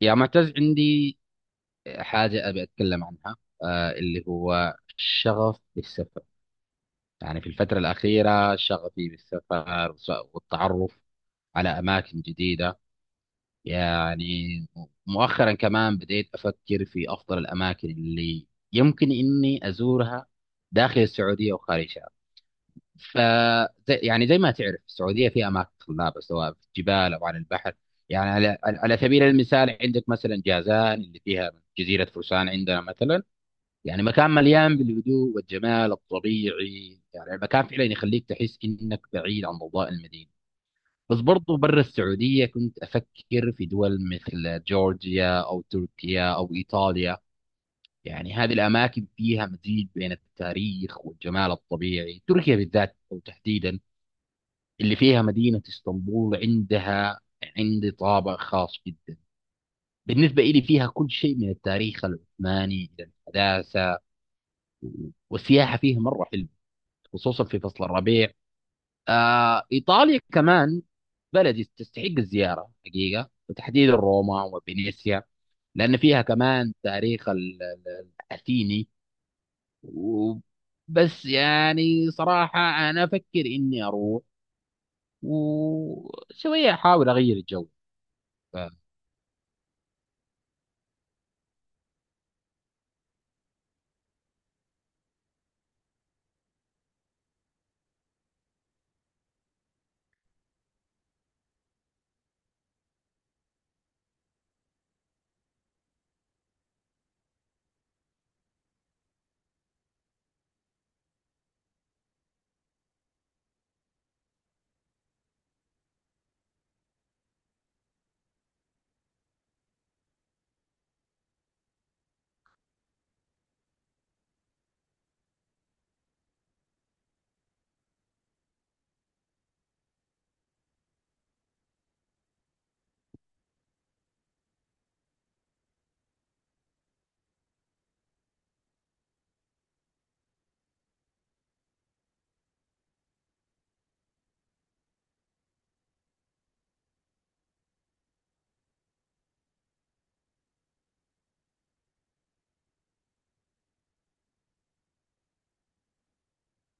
يا معتز، عندي حاجة أبي أتكلم عنها، اللي هو الشغف بالسفر. يعني في الفترة الأخيرة شغفي بالسفر والتعرف على أماكن جديدة. يعني مؤخرا كمان بديت أفكر في أفضل الأماكن اللي يمكن إني أزورها داخل السعودية وخارجها. ف يعني زي ما تعرف، السعوديه فيها اماكن خلابه سواء في الجبال او على البحر. يعني على سبيل المثال، عندك مثلا جازان اللي فيها جزيره فرسان عندنا مثلا. يعني مكان مليان بالهدوء والجمال الطبيعي، يعني المكان فعلا يخليك تحس انك بعيد عن ضوضاء المدينه. بس برضو برا السعوديه كنت افكر في دول مثل جورجيا او تركيا او ايطاليا. يعني هذه الاماكن فيها مزيج بين التاريخ والجمال الطبيعي. تركيا بالذات او تحديدا اللي فيها مدينة اسطنبول، عندها عندي طابع خاص جدا بالنسبة إلي. فيها كل شيء من التاريخ العثماني إلى الحداثة، والسياحة فيها مرة حلوة، خصوصا في فصل الربيع. إيطاليا كمان بلد تستحق الزيارة حقيقة، وتحديدا روما وفينيسيا، لأن فيها كمان تاريخ الأثيني. و- بس يعني صراحة أنا أفكر إني أروح وشوية أحاول أغير الجو.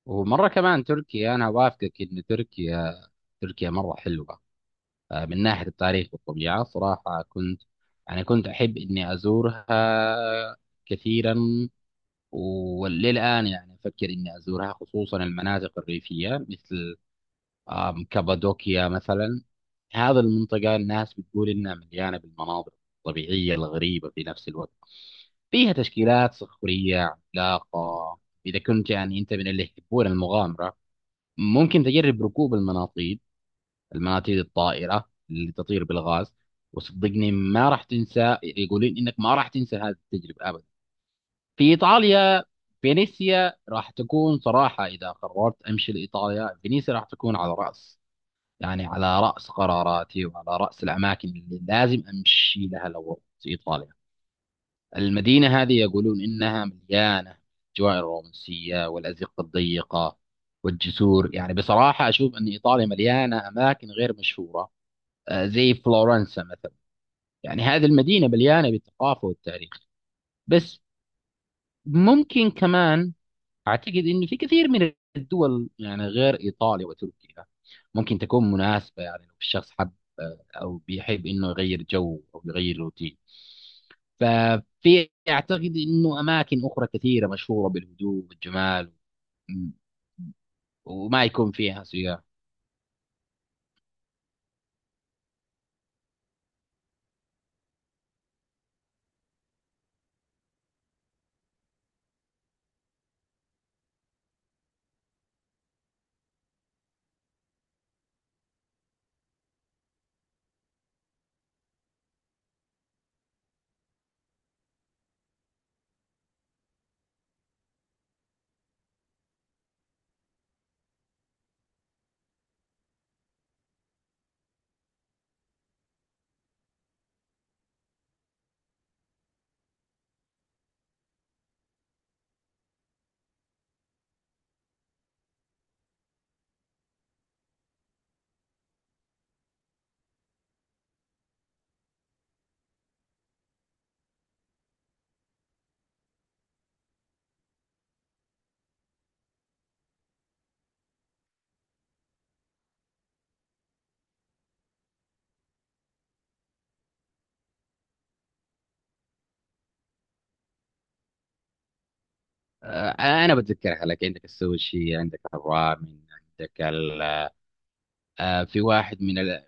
ومره كمان تركيا، انا وافقك ان تركيا، تركيا مره حلوه. من ناحيه التاريخ والطبيعه صراحه كنت، يعني كنت احب اني ازورها كثيرا. وللان يعني افكر اني ازورها، خصوصا المناطق الريفيه مثل، كابادوكيا مثلا. هذا المنطقه الناس بتقول انها مليانه بالمناظر الطبيعيه الغريبه في نفس الوقت. فيها تشكيلات صخريه عملاقه. اذا كنت يعني انت من اللي يحبون المغامره، ممكن تجرب ركوب المناطيد، المناطيد الطائرة اللي تطير بالغاز. وصدقني ما راح تنسى، يقولين انك ما راح تنسى هذه التجربة ابدا. في ايطاليا، فينيسيا راح تكون صراحة، اذا قررت امشي لايطاليا فينيسيا راح تكون على رأس، يعني على رأس قراراتي وعلى رأس الاماكن اللي لازم امشي لها لو رحت ايطاليا. المدينة هذه يقولون إنها مليانة الأجواء الرومانسية والأزقة الضيقة والجسور. يعني بصراحة أشوف أن إيطاليا مليانة أماكن غير مشهورة، زي فلورنسا مثلا. يعني هذه المدينة مليانة بالثقافة والتاريخ. بس ممكن كمان أعتقد أن في كثير من الدول، يعني غير إيطاليا وتركيا، ممكن تكون مناسبة. يعني لو الشخص حب، أو بيحب أنه يغير جو أو يغير روتين، ففي اعتقد انه اماكن اخرى كثيره مشهوره بالهدوء والجمال وما يكون فيها سياح. آه، انا بتذكرها لك. عندك السوشي، عندك الرامن، عندك في واحد من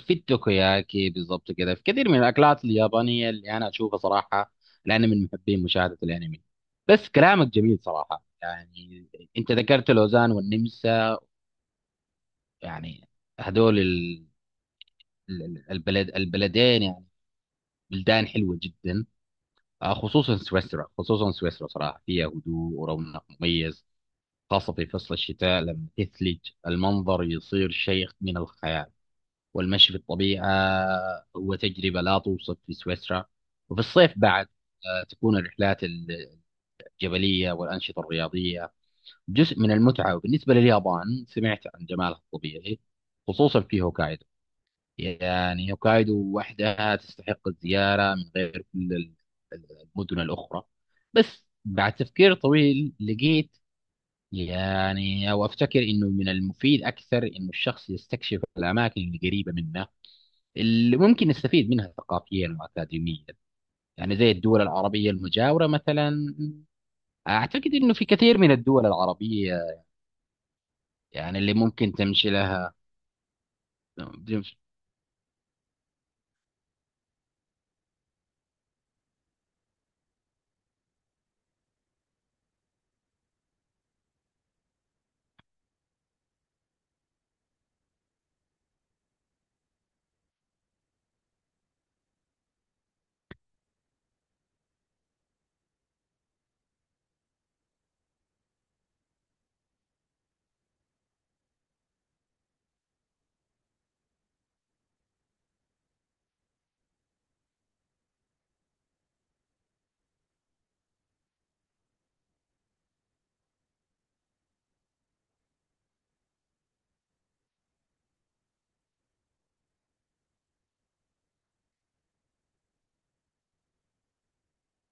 في التوكوياكي بالضبط. كذا في كثير من الاكلات اليابانيه اللي انا اشوفها صراحه، لاني من محبين مشاهده الانمي. بس كلامك جميل صراحه. يعني انت ذكرت لوزان والنمسا، يعني هذول البلد، البلدين، يعني بلدان حلوه جدا. خصوصا سويسرا، خصوصا سويسرا صراحة فيها هدوء ورونق مميز، خاصة في فصل الشتاء لما تثلج. المنظر يصير شيء من الخيال، والمشي في الطبيعة هو تجربة لا توصف في سويسرا. وفي الصيف بعد تكون الرحلات الجبلية والأنشطة الرياضية جزء من المتعة. وبالنسبة لليابان، سمعت عن جمالها الطبيعي خصوصا في هوكايدو. يعني هوكايدو وحدها تستحق الزيارة من غير كل ال- المدن الأخرى. بس بعد تفكير طويل لقيت، يعني أو أفتكر إنه من المفيد أكثر إنه الشخص يستكشف الأماكن القريبة منه، اللي ممكن يستفيد منها ثقافيا وأكاديميا، يعني زي الدول العربية المجاورة مثلا. أعتقد إنه في كثير من الدول العربية، يعني اللي ممكن تمشي لها.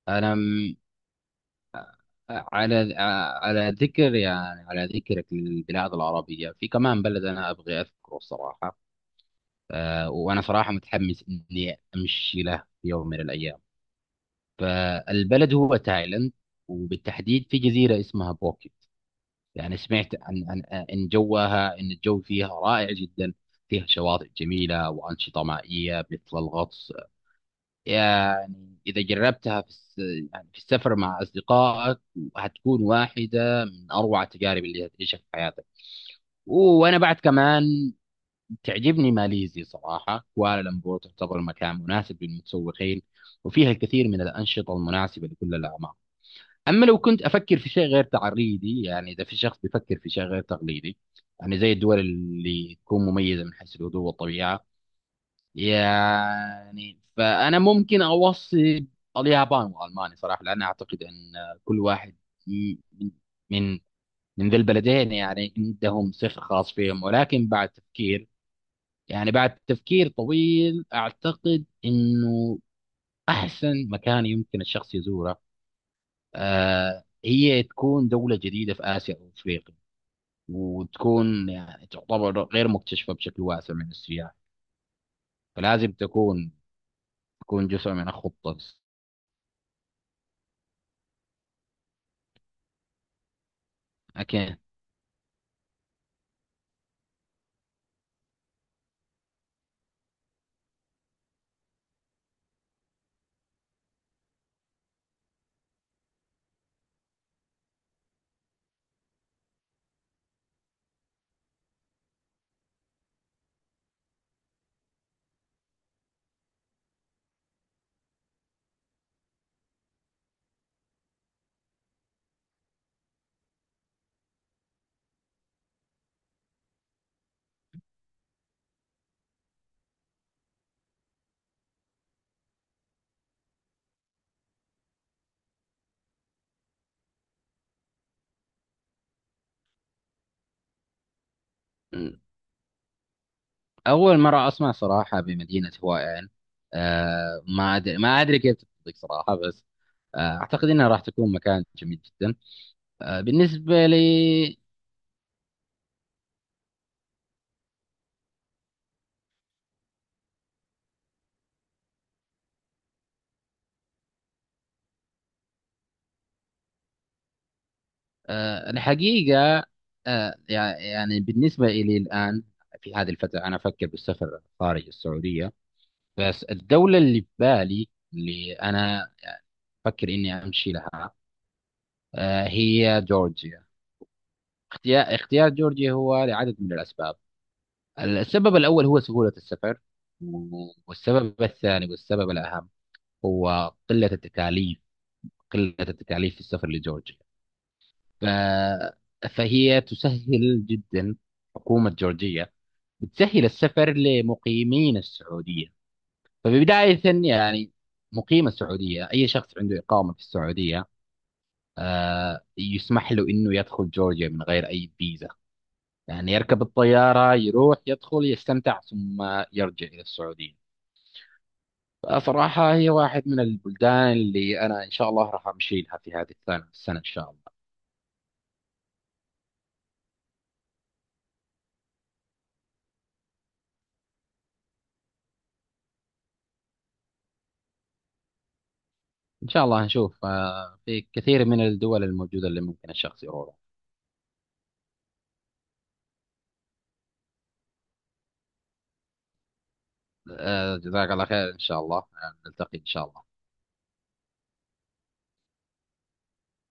أنا على ذكر، يعني على ذكرك للبلاد العربية، في كمان بلد أنا أبغي أذكره الصراحة. وأنا صراحة متحمس إني أمشي له في يوم من الأيام. فالبلد هو تايلاند، وبالتحديد في جزيرة اسمها بوكيت. يعني سمعت عن إن جوها إن الجو فيها رائع جدا. فيها شواطئ جميلة وأنشطة مائية مثل الغطس. يعني إذا جربتها في يعني في السفر مع أصدقائك، هتكون واحدة من أروع التجارب اللي هتعيشها في حياتك. وأنا بعد كمان تعجبني ماليزيا صراحة. كوالالمبور تعتبر مكان مناسب للمتسوقين، وفيها الكثير من الأنشطة المناسبة لكل الأعمار. أما لو كنت أفكر في شيء غير تعريدي، يعني إذا في شخص بيفكر في شيء غير تقليدي، يعني زي الدول اللي تكون مميزة من حيث الهدوء والطبيعة، يعني فأنا ممكن أوصي اليابان وألمانيا صراحة. لأن أعتقد أن كل واحد من من من ذي البلدين يعني عندهم سحر خاص فيهم. ولكن بعد تفكير، يعني بعد تفكير طويل، أعتقد أنه أحسن مكان يمكن الشخص يزوره هي تكون دولة جديدة في آسيا أو أفريقيا، وتكون يعني تعتبر غير مكتشفة بشكل واسع من السياح، فلازم تكون جزء من الخطة. أكيد. مم. أول مرة أسمع صراحة بمدينة هوائين. أه ما أدري كيف تطلق صراحة، بس أعتقد إنها راح تكون مكان جميل جدا. أه بالنسبة لي أه الحقيقة أه يعني بالنسبة إلي الآن، في هذه الفترة أنا أفكر بالسفر خارج السعودية. بس الدولة اللي في بالي، اللي أنا أفكر إني أمشي لها، أه هي جورجيا. اختيار جورجيا هو لعدد من الأسباب. السبب الأول هو سهولة السفر، والسبب الثاني، والسبب الأهم، هو قلة التكاليف، قلة التكاليف في السفر لجورجيا. ف... فهي تسهل جدا. حكومة جورجيا بتسهل السفر لمقيمين السعودية. فبداية يعني مقيم السعودية، أي شخص عنده إقامة في السعودية، يسمح له إنه يدخل جورجيا من غير أي فيزا. يعني يركب الطيارة، يروح، يدخل، يستمتع، ثم يرجع إلى السعودية. فصراحة هي واحد من البلدان اللي أنا إن شاء الله راح أمشي لها في هذه السنة، السنة إن شاء الله. إن شاء الله نشوف، في كثير من الدول الموجودة اللي ممكن الشخص يروح. جزاك الله خير، إن شاء الله نلتقي إن شاء الله.